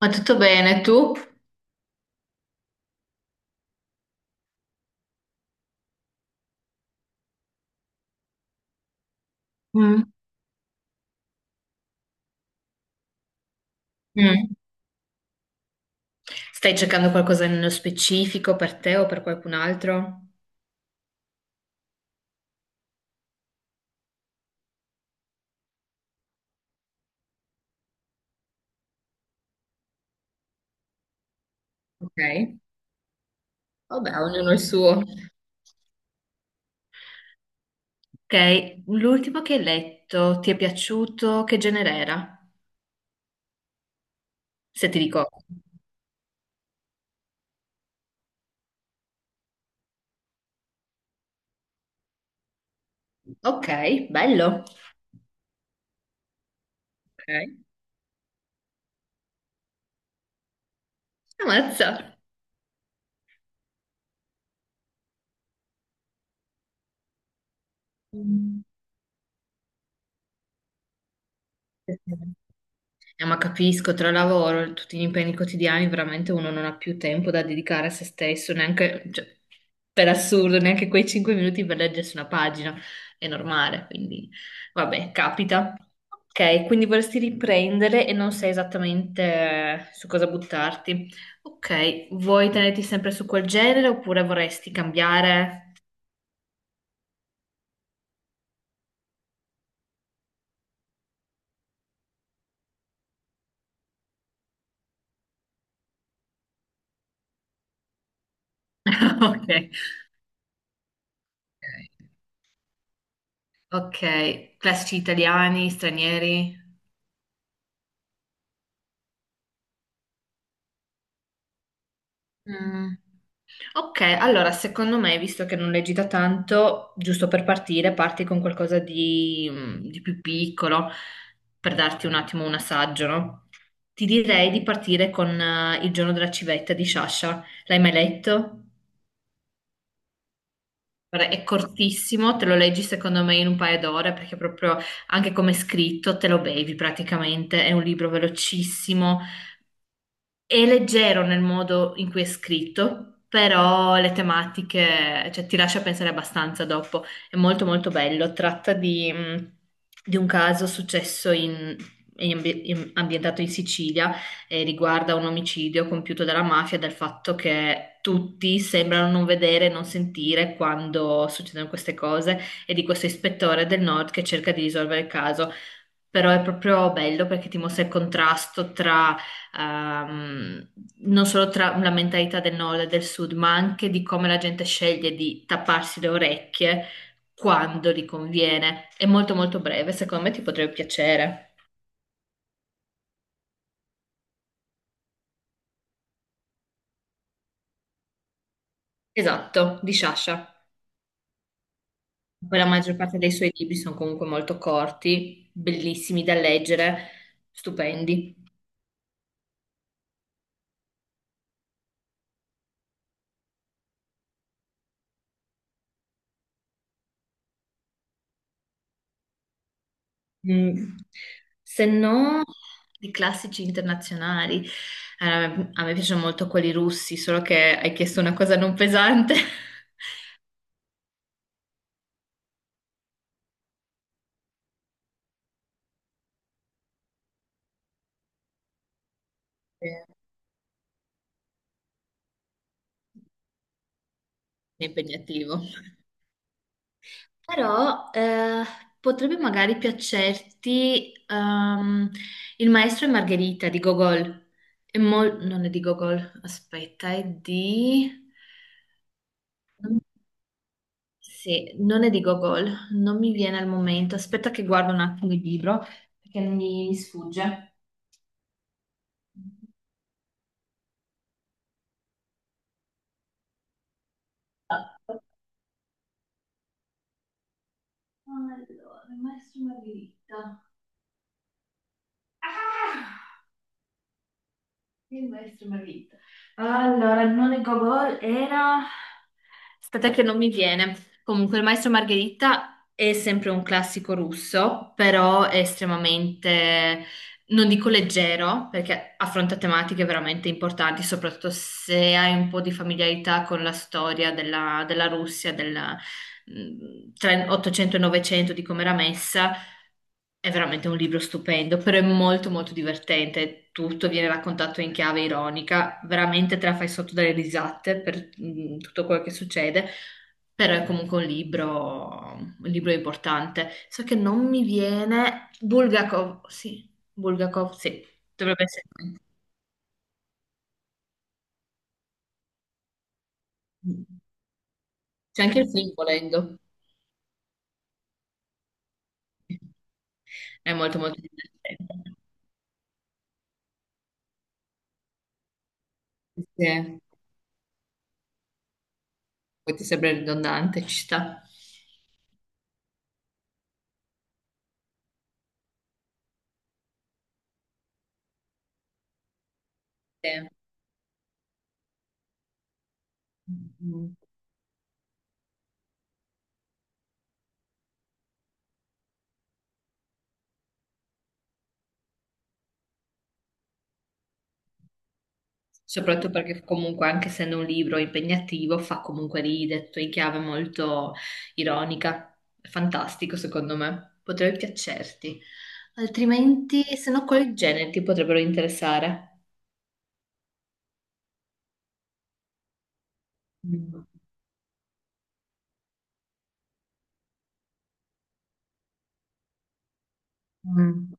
Ma tutto bene, tu? Mm. Mm. Stai cercando qualcosa nello specifico per te o per qualcun altro? Ok, vabbè, ognuno il suo. Ok, l'ultimo che hai letto, ti è piaciuto? Che genere era? Se ti ricordo. Ok, bello. Ok. Ammazza. Mm. Ma capisco, tra lavoro, e tutti gli impegni quotidiani, veramente uno non ha più tempo da dedicare a se stesso, neanche, cioè, per assurdo, neanche quei 5 minuti per leggersi una pagina, è normale, quindi vabbè, capita. Ok, quindi vorresti riprendere e non sai esattamente su cosa buttarti. Ok, vuoi tenerti sempre su quel genere oppure vorresti cambiare? Ok, ok, classici italiani, stranieri? Mm. Ok, allora secondo me, visto che non leggi da tanto, giusto per partire, parti con qualcosa di, di più piccolo, per darti un attimo un assaggio, no? Ti direi di partire con Il giorno della civetta di Sciascia. L'hai mai letto? Guarda, è cortissimo, te lo leggi secondo me in un paio d'ore, perché proprio anche come è scritto te lo bevi praticamente. È un libro velocissimo. È leggero nel modo in cui è scritto, però le tematiche, cioè, ti lascia pensare abbastanza dopo. È molto molto bello. Tratta di un caso successo ambientato in Sicilia e riguarda un omicidio compiuto dalla mafia, dal fatto che tutti sembrano non vedere, non sentire quando succedono queste cose e di questo ispettore del nord che cerca di risolvere il caso. Però è proprio bello perché ti mostra il contrasto tra ehm, non solo tra la mentalità del nord e del sud, ma anche di come la gente sceglie di tapparsi le orecchie quando gli conviene. È molto molto breve, secondo me ti potrebbe piacere. Esatto, di Sciascia. Poi la maggior parte dei suoi libri sono comunque molto corti, bellissimi da leggere, stupendi. Mm. Se no, di classici internazionali. A me piacciono molto quelli russi, solo che hai chiesto una cosa non pesante. Eh, è impegnativo. Però potrebbe magari piacerti Il maestro e Margherita di Gogol. Non è di Gogol, aspetta, è di... Sì, non è di Gogol, non mi viene al momento. Aspetta che guardo un attimo il libro perché mi sfugge. Allora, il maestro e Margherita. Ah! Il maestro e Margherita. Allora, non è Gogol, era. Aspetta che non mi viene. Comunque, il maestro e Margherita è sempre un classico russo, però è estremamente, non dico leggero, perché affronta tematiche veramente importanti, soprattutto se hai un po' di familiarità con la storia della Russia, tra 800 e 900, di come era messa. È veramente un libro stupendo, però è molto molto divertente. Tutto viene raccontato in chiave ironica, veramente te la fai sotto dalle risate per tutto quello che succede, però è comunque un libro importante. So che non mi viene Bulgakov, sì, dovrebbe essere. Lui. C'è anche il film volendo. È molto molto divertente. Sì, sì, poi ti sembra ridondante, ci sta. Sì. Mm, mm. Soprattutto perché comunque anche essendo un libro impegnativo fa comunque ridere, tutto in chiave molto ironica. È fantastico secondo me, potrebbe piacerti. Altrimenti, se no, quali generi ti potrebbero interessare? Mm. Mm.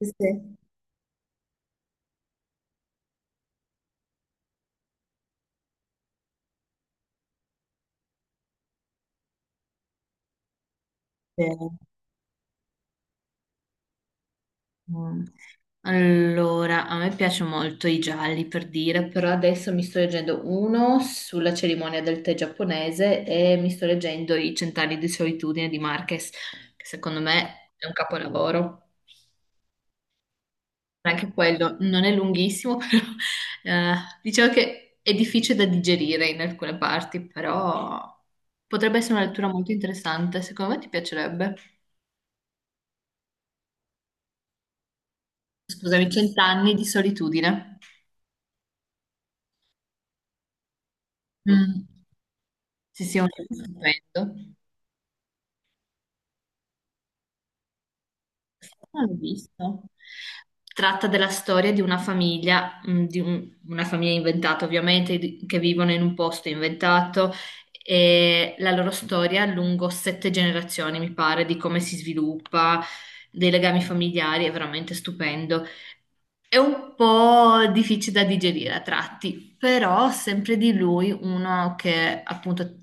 Sì, sì. Mm. Allora, a me piace molto i gialli per dire, però adesso mi sto leggendo uno sulla cerimonia del tè giapponese e mi sto leggendo I cent'anni di solitudine di Marquez, che secondo me è un capolavoro. Anche quello non è lunghissimo, però diciamo che è difficile da digerire in alcune parti, però potrebbe essere una lettura molto interessante, secondo me ti piacerebbe. Scusami, cent'anni di solitudine. Mm. Sì, sì, è un libro stupendo. Non l'ho visto. Tratta della storia di una famiglia inventata ovviamente, che vivono in un posto inventato e la loro storia lungo sette generazioni, mi pare, di come si sviluppa, dei legami familiari, è veramente stupendo. È un po' difficile da digerire a tratti, però sempre di lui uno che appunto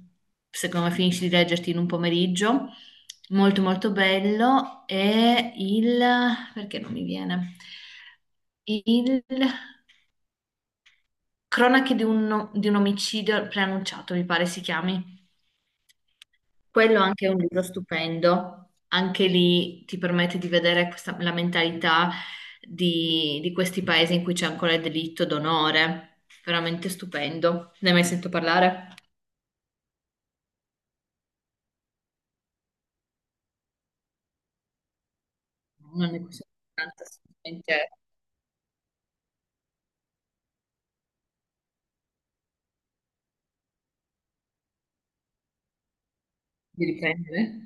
secondo me finisci di leggerti in un pomeriggio, molto molto bello, è il... perché non mi viene? Il Cronache di un omicidio preannunciato, mi pare si chiami. Quello anche è un libro stupendo, anche lì ti permette di vedere la mentalità di questi paesi in cui c'è ancora il delitto d'onore, veramente stupendo. Ne hai mai sentito parlare? Non è questa importanza assolutamente di riprendere.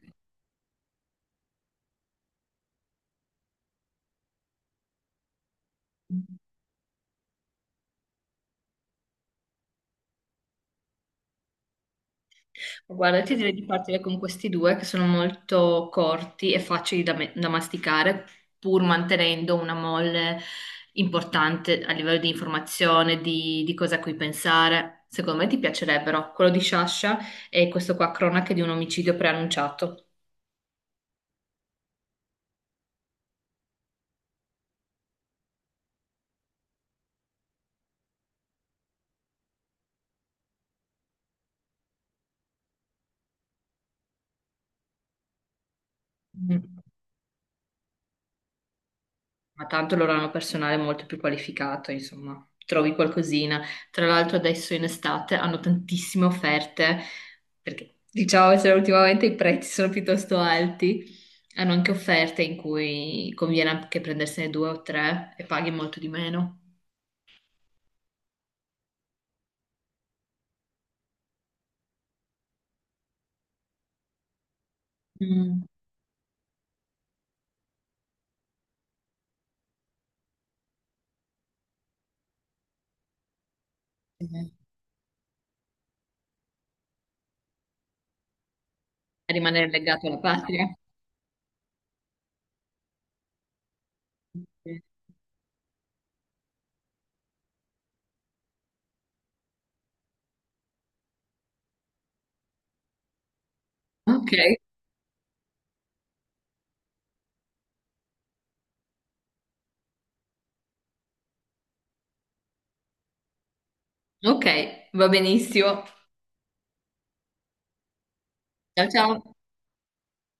Guarda, ti direi di partire con questi due che sono molto corti e facili da masticare, pur mantenendo una molle importante a livello di informazione, di cosa a cui pensare. Secondo me ti piacerebbero quello di Sciascia e questo qua, Cronache di un omicidio preannunciato. Ma tanto loro hanno personale molto più qualificato, insomma, trovi qualcosina. Tra l'altro adesso in estate hanno tantissime offerte, perché diciamo se ultimamente i prezzi sono piuttosto alti, hanno anche offerte in cui conviene anche prendersene due o tre e paghi molto di meno. Mm, sì. E rimanere legato alla patria. Sì. Ok, ok, va benissimo. Ciao ciao.